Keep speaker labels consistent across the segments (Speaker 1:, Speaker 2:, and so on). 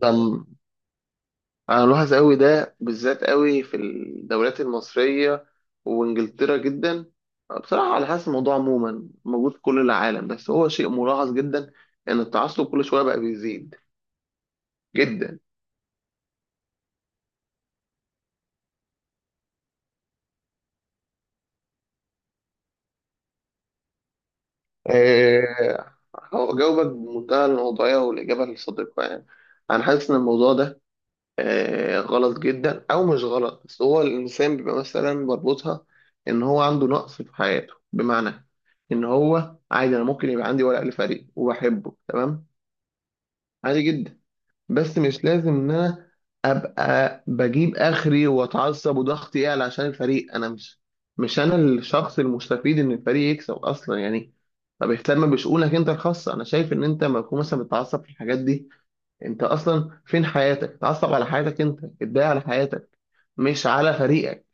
Speaker 1: ده م- انا ملاحظ قوي ده بالذات قوي في الدوريات المصريه وانجلترا جدا. بصراحه على حسب الموضوع عموما موجود في كل العالم، بس هو شيء ملاحظ جدا ان التعصب كل شويه بقى بيزيد جدا. آه، هو جاوبك بمنتهى الموضوعيه والاجابه الصادقه، يعني انا حاسس ان الموضوع ده غلط جدا او مش غلط، بس هو الانسان بيبقى مثلا بربطها ان هو عنده نقص في حياته. بمعنى ان هو عادي، انا ممكن يبقى عندي ورق لفريق وبحبه، تمام، عادي جدا، بس مش لازم ان انا ابقى بجيب اخري واتعصب وضغطي يعلى عشان الفريق. انا مش، مش انا الشخص المستفيد ان الفريق يكسب اصلا يعني. طب اهتم بشؤونك انت الخاصه. انا شايف ان انت لما تكون مثلا بتتعصب في الحاجات دي، انت اصلا فين حياتك؟ اتعصب على حياتك انت، اتضايق على حياتك مش على فريقك.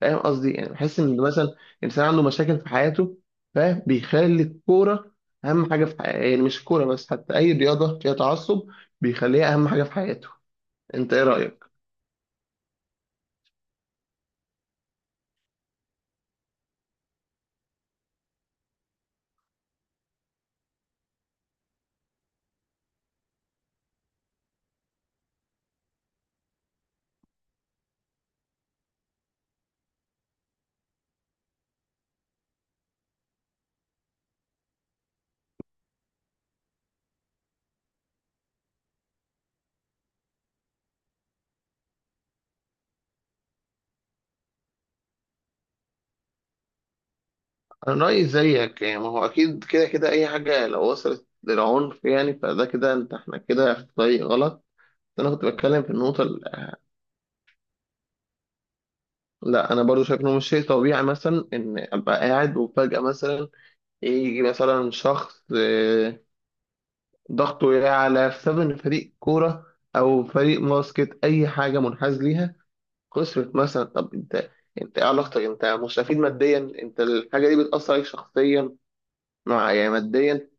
Speaker 1: فاهم قصدي؟ يعني بحس ان مثلا انسان عنده مشاكل في حياته، فاهم، بيخلي الكوره اهم حاجه في حياته. يعني مش الكوره بس، حتى اي رياضه فيها تعصب بيخليها اهم حاجه في حياته. انت ايه رايك؟ انا رايي زيك يعني. ما هو اكيد كده كده اي حاجه لو وصلت للعنف يعني فده كده، احنا كده في طريق غلط. انا كنت بتكلم في النقطه. لا انا برضو شايف انه مش شيء طبيعي مثلا ان ابقى قاعد وفجاه مثلا يجي مثلا شخص، ضغطه يعلى بسبب ان فريق كوره او فريق باسكت اي حاجه منحاز ليها خسرت مثلا. طب انت، انت ايه علاقتك؟ انت مستفيد ماديا؟ انت الحاجه دي بتاثر عليك شخصيا؟ مع يعني ماديا؟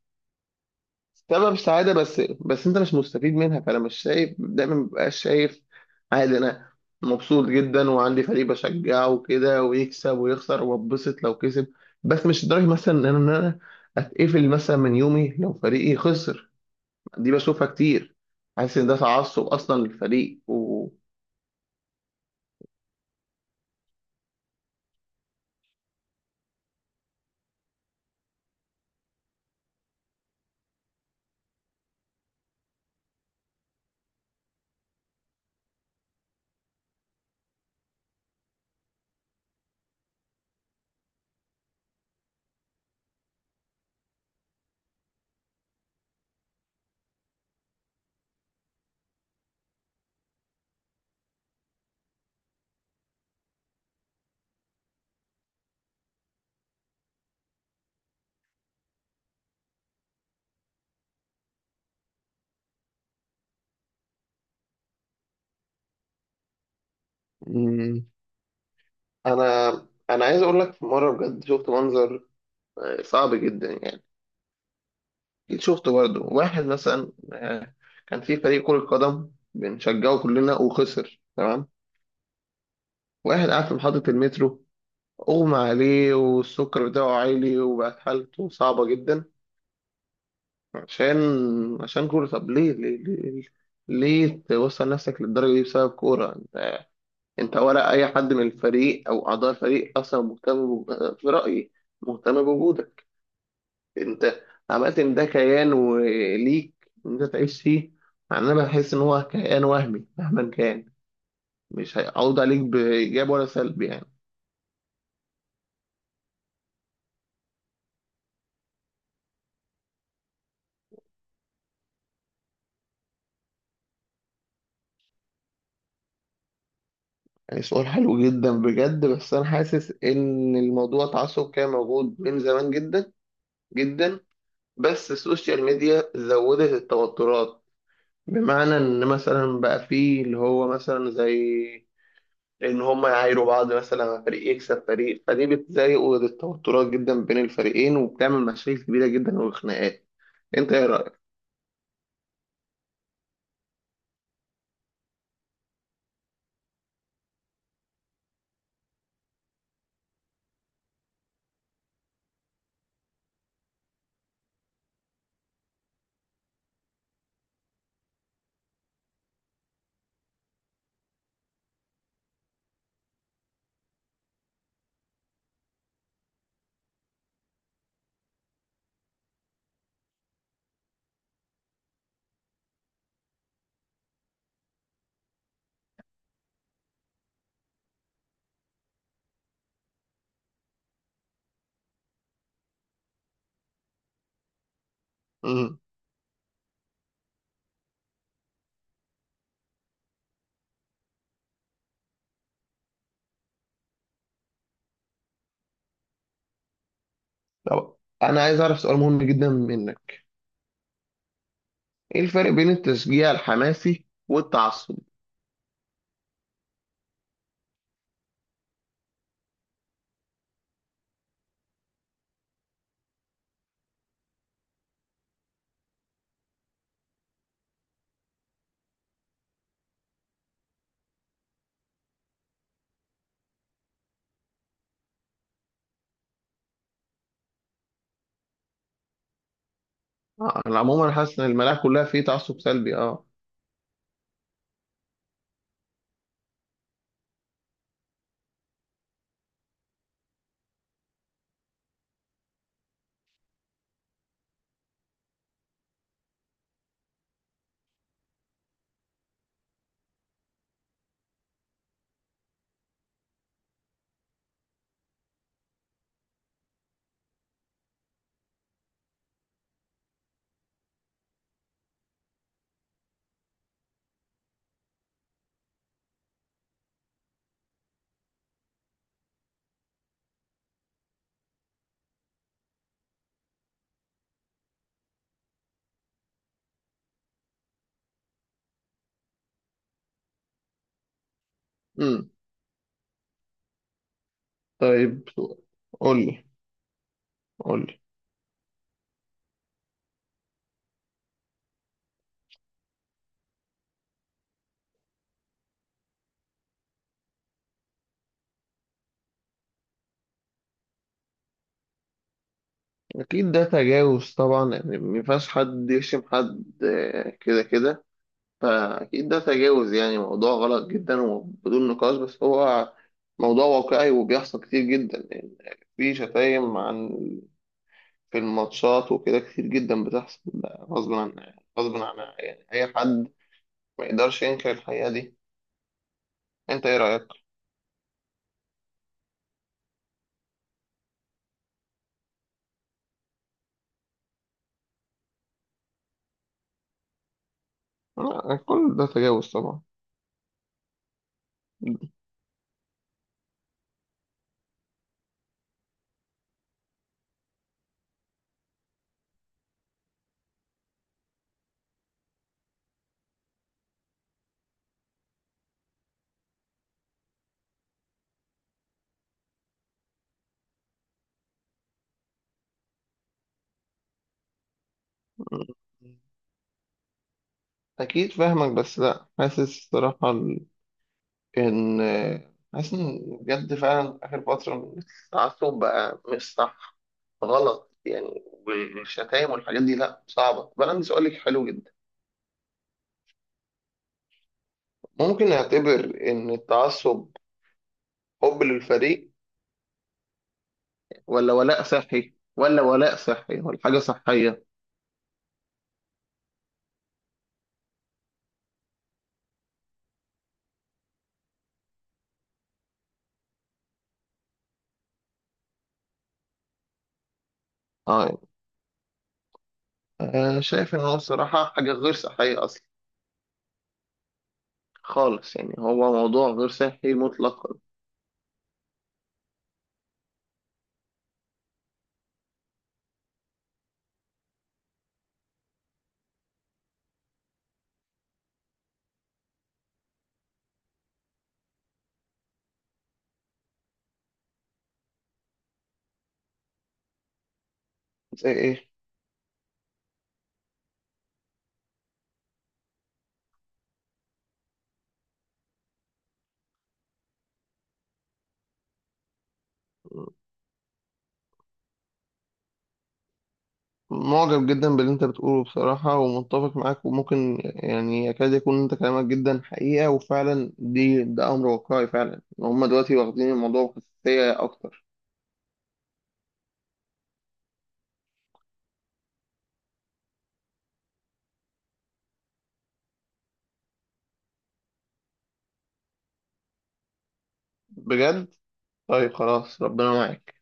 Speaker 1: سبب سعادة، بس بس انت مش مستفيد منها، فانا مش شايف دايما، مبقاش شايف. عادي انا مبسوط جدا وعندي فريق بشجعه وكده، ويكسب ويخسر، وببسط لو كسب، بس مش لدرجة مثلا ان انا اتقفل مثلا من يومي لو فريقي خسر. دي بشوفها كتير، حاسس ان ده تعصب اصلا للفريق و مم. انا انا عايز اقول لك، في مرة بجد شفت منظر صعب جدا يعني. أكيد شفت برضه واحد مثلا، كان في فريق كرة قدم بنشجعه كلنا وخسر، تمام. واحد قاعد في محطة المترو أغمى عليه، والسكر بتاعه عالي، وبقت حالته صعبة جدا عشان، عشان كورة. طب ليه، ليه، ليه توصل نفسك للدرجة دي بسبب كورة؟ أنت، أنت ولا أي حد من الفريق أو أعضاء الفريق أصلا مهتم في رأيي مهتم بوجودك. انت عملت ان ده كيان، وليك ان انت تعيش فيه. يعني انا بحس ان هو كيان وهمي مهما كان، مش هيعود عليك بايجاب ولا سلب يعني. يعني سؤال حلو جدا بجد، بس انا حاسس ان الموضوع تعصب كان موجود من زمان جدا جدا، بس السوشيال ميديا زودت التوترات. بمعنى ان مثلا بقى فيه اللي هو مثلا زي ان هم يعايروا بعض. مثلا فريق يكسب فريق، فدي بتزايق التوترات جدا بين الفريقين وبتعمل مشاكل كبيره جدا وخناقات. انت ايه رايك؟ امم. طب انا عايز اعرف سؤال مهم جدا منك. ايه الفرق بين التشجيع الحماسي والتعصب؟ انا عموما حاسس ان الملاعب كلها فيه تعصب سلبي. اه. امم. طيب سؤال. قول لي، قول لي. اكيد ده تجاوز طبعا يعني. ما ينفعش حد يشتم حد، كده كده. فأكيد ده تجاوز يعني، موضوع غلط جدا وبدون نقاش، بس هو موضوع واقعي وبيحصل كتير جدا يعني. في شتايم عن، في الماتشات وكده كتير جدا بتحصل غصب عن، غصب عن يعني أي حد. ما يقدرش ينكر الحقيقة دي. أنت إيه رأيك؟ لا، كل ده تجاوز طبعا. أكيد فاهمك، بس لأ، حاسس الصراحة إن حاسس إن بجد فعلا آخر فترة التعصب بقى مش صح، غلط يعني. والشتايم والحاجات دي لأ، صعبة. بقى عندي سؤال لك حلو جدا. ممكن نعتبر إن التعصب حب للفريق، ولا ولاء صحي، ولا ولاء صحي، ولا حاجة صحية؟ اه يعني أنا شايف إن هو الصراحة حاجة غير صحية أصلا خالص، يعني هو موضوع غير صحي مطلقا. زي إيه؟ معجب جدا باللي انت بتقوله بصراحة، ومتفق معاك، وممكن يعني يكاد يكون انت كلامك جدا حقيقة، وفعلا دي، ده امر واقعي فعلا ان هم دلوقتي واخدين الموضوع بحساسية اكتر. بجد. طيب خلاص، ربنا معاك.